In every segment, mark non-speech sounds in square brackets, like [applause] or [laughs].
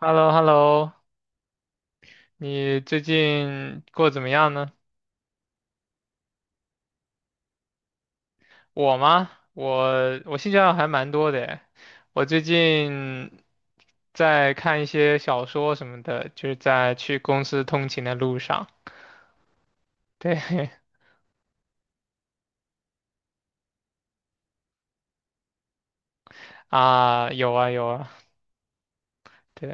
Hello. Hello. 你最近过得怎么样呢？我吗？我兴趣爱好还蛮多的诶，我最近在看一些小说什么的，就是在去公司通勤的路上。对 [laughs] 啊，有啊有啊，对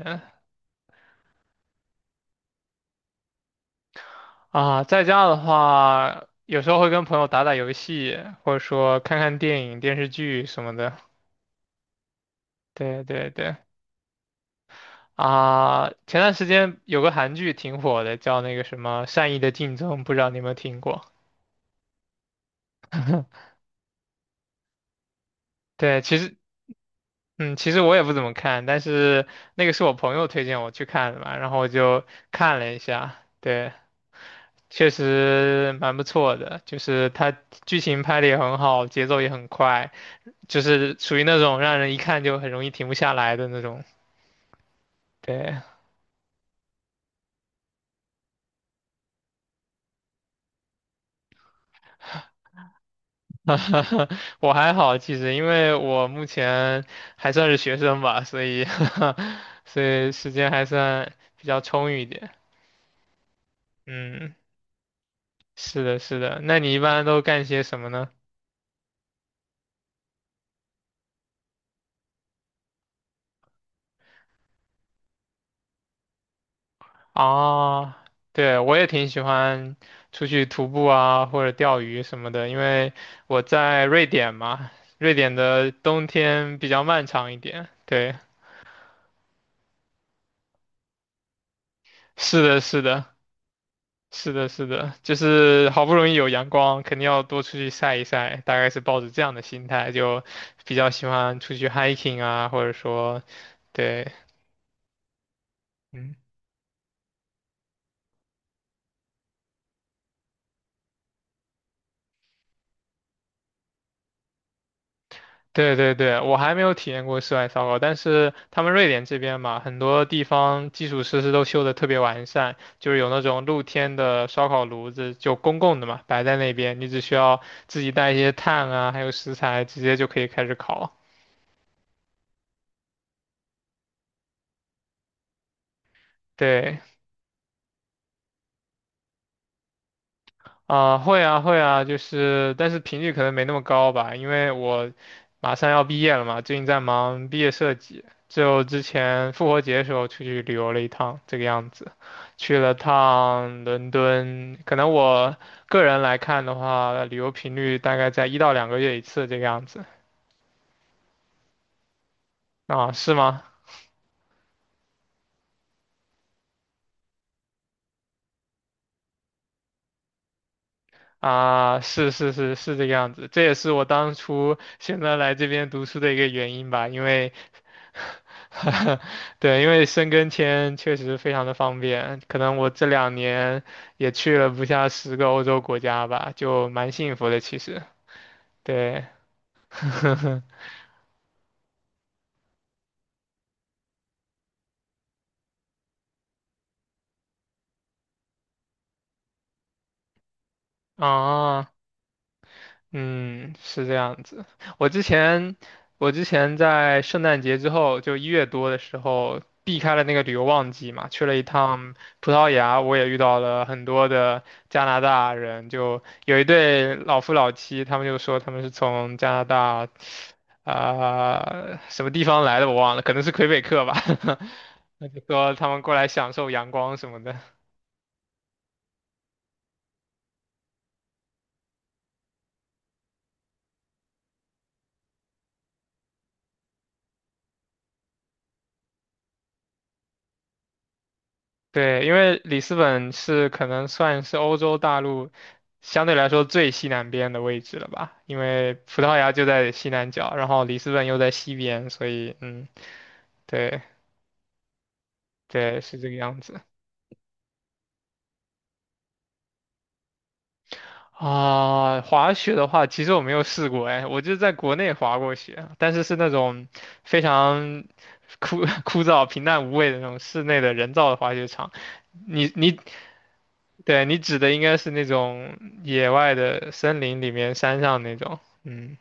啊，在家的话，有时候会跟朋友打打游戏，或者说看看电影、电视剧什么的。对对对。啊，前段时间有个韩剧挺火的，叫那个什么《善意的竞争》，不知道你有没有听过？对，其实，嗯，其实我也不怎么看，但是那个是我朋友推荐我去看的嘛，然后我就看了一下，对，确实蛮不错的，就是它剧情拍的也很好，节奏也很快，就是属于那种让人一看就很容易停不下来的那种。对，[laughs] 我还好，其实因为我目前还算是学生吧，所以 [laughs] 所以时间还算比较充裕一点。嗯，是的，是的。那你一般都干些什么呢？啊，对，我也挺喜欢出去徒步啊，或者钓鱼什么的，因为我在瑞典嘛，瑞典的冬天比较漫长一点。对，是的，是的。是的，是的，就是好不容易有阳光，肯定要多出去晒一晒，大概是抱着这样的心态，就比较喜欢出去 hiking 啊，或者说，对，嗯，对对对，我还没有体验过室外烧烤，但是他们瑞典这边嘛，很多地方基础设施都修得特别完善，就是有那种露天的烧烤炉子，就公共的嘛，摆在那边，你只需要自己带一些炭啊，还有食材，直接就可以开始烤。对，啊，会啊，会啊，就是，但是频率可能没那么高吧，因为我马上要毕业了嘛，最近在忙毕业设计，就之前复活节的时候出去旅游了一趟，这个样子，去了趟伦敦，可能我个人来看的话，旅游频率大概在1到2个月一次这个样子，啊，是吗？啊，是是是是这个样子，这也是我当初选择来这边读书的一个原因吧，因为。[laughs] 对，因为申根签确实非常的方便，可能我这2年也去了不下10个欧洲国家吧，就蛮幸福的其实。对，[laughs] 啊，嗯，是这样子。我之前，我之前在圣诞节之后，就1月多的时候，避开了那个旅游旺季嘛，去了一趟葡萄牙，我也遇到了很多的加拿大人，就有一对老夫老妻，他们就说他们是从加拿大，啊、什么地方来的我忘了，可能是魁北克吧，[laughs] 那就说他们过来享受阳光什么的。对，因为里斯本是可能算是欧洲大陆相对来说最西南边的位置了吧，因为葡萄牙就在西南角，然后里斯本又在西边，所以嗯，对对，是这个样子。啊，滑雪的话，其实我没有试过，哎，我就在国内滑过雪，但是是那种非常枯 [laughs] 枯燥、平淡无味的那种室内的人造的滑雪场。你你，对，你指的应该是那种野外的森林里面、山上那种。嗯。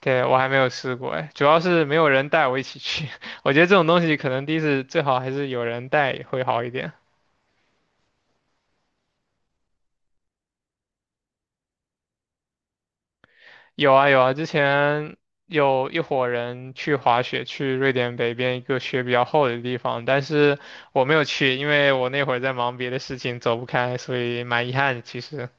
对，我还没有试过哎，主要是没有人带我一起去。[laughs] 我觉得这种东西可能第1次最好还是有人带会好一点。有啊有啊，之前有一伙人去滑雪，去瑞典北边一个雪比较厚的地方，但是我没有去，因为我那会儿在忙别的事情，走不开，所以蛮遗憾的其实。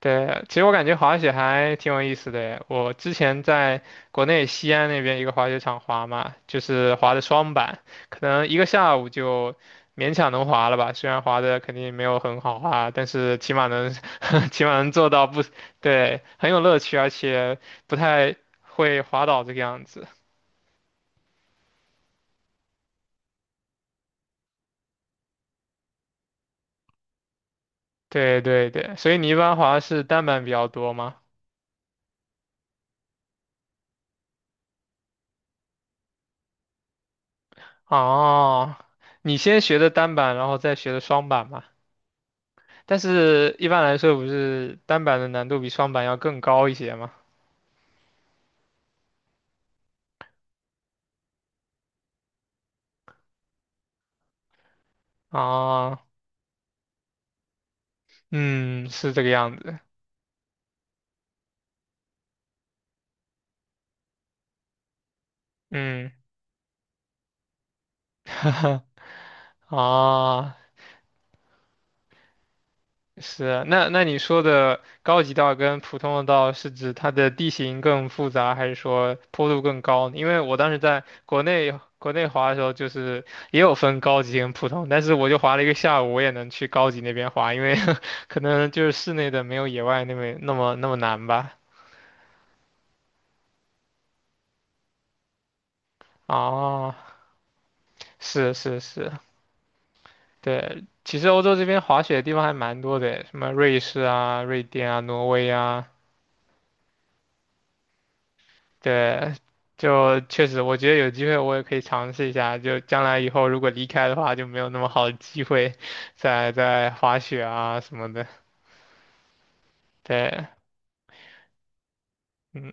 对，其实我感觉滑雪还挺有意思的耶我之前在国内西安那边一个滑雪场滑嘛，就是滑的双板，可能一个下午就勉强能滑了吧。虽然滑的肯定没有很好啊，但是起码能 [laughs] 起码能做到不，对，很有乐趣，而且不太会滑倒这个样子。对对对，所以你一般滑是单板比较多吗？哦，你先学的单板，然后再学的双板吗？但是一般来说，不是单板的难度比双板要更高一些吗？啊，嗯，是这个样子，嗯，[laughs] 啊，是，那那你说的高级道跟普通的道是指它的地形更复杂，还是说坡度更高呢？因为我当时在国内滑的时候，就是也有分高级跟普通，但是我就滑了一个下午，我也能去高级那边滑，因为 [laughs] 可能就是室内的没有野外那么难吧。啊，是是是，对，其实欧洲这边滑雪的地方还蛮多的，什么瑞士啊、瑞典啊、挪威啊，对，就确实，我觉得有机会我也可以尝试一下，就将来以后如果离开的话，就没有那么好的机会再滑雪啊什么的。对，嗯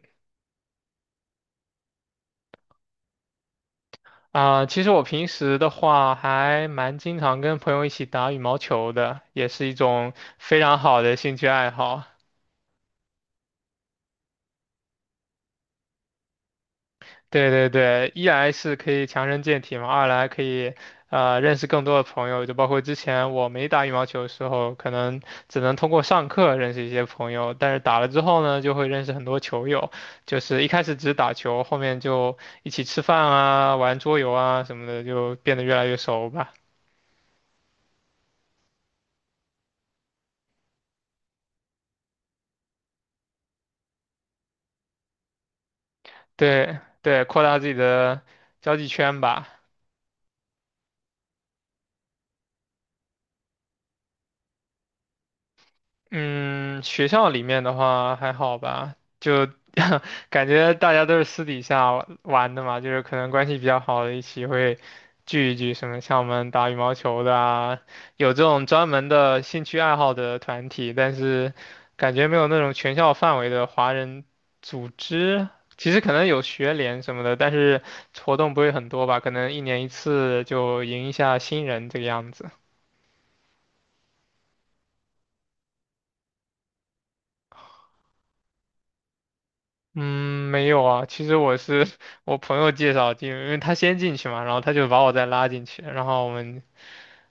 啊，其实我平时的话还蛮经常跟朋友一起打羽毛球的，也是一种非常好的兴趣爱好。对对对，一来是可以强身健体嘛，二来可以认识更多的朋友，就包括之前我没打羽毛球的时候，可能只能通过上课认识一些朋友，但是打了之后呢，就会认识很多球友，就是一开始只是打球，后面就一起吃饭啊、玩桌游啊什么的，就变得越来越熟吧。对对，扩大自己的交际圈吧。嗯，学校里面的话还好吧，就 [laughs] 感觉大家都是私底下玩玩的嘛，就是可能关系比较好的一起会聚一聚，什么像我们打羽毛球的啊，有这种专门的兴趣爱好的团体，但是感觉没有那种全校范围的华人组织。其实可能有学联什么的，但是活动不会很多吧，可能1年1次就迎一下新人这个样子。嗯，没有啊。其实我是 [laughs] 我朋友介绍进，因为他先进去嘛，然后他就把我再拉进去，然后我们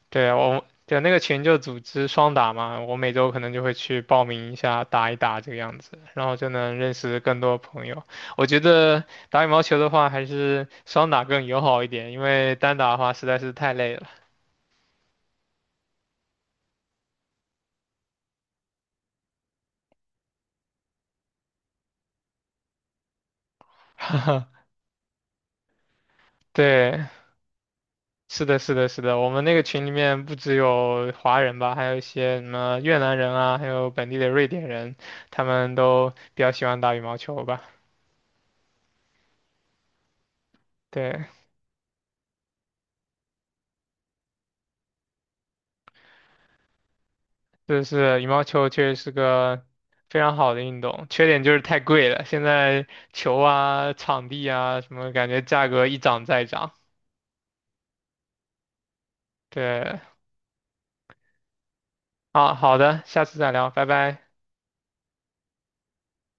对啊我对啊那个群就组织双打嘛，我每周可能就会去报名一下，打一打这个样子，然后就能认识更多朋友。我觉得打羽毛球的话，还是双打更友好一点，因为单打的话实在是太累了。对，是的，是的，是的，我们那个群里面不只有华人吧，还有一些什么越南人啊，还有本地的瑞典人，他们都比较喜欢打羽毛球吧。对，就是羽毛球确实是个非常好的运动，缺点就是太贵了。现在球啊、场地啊什么，感觉价格一涨再涨。对，啊，好的，下次再聊，拜拜。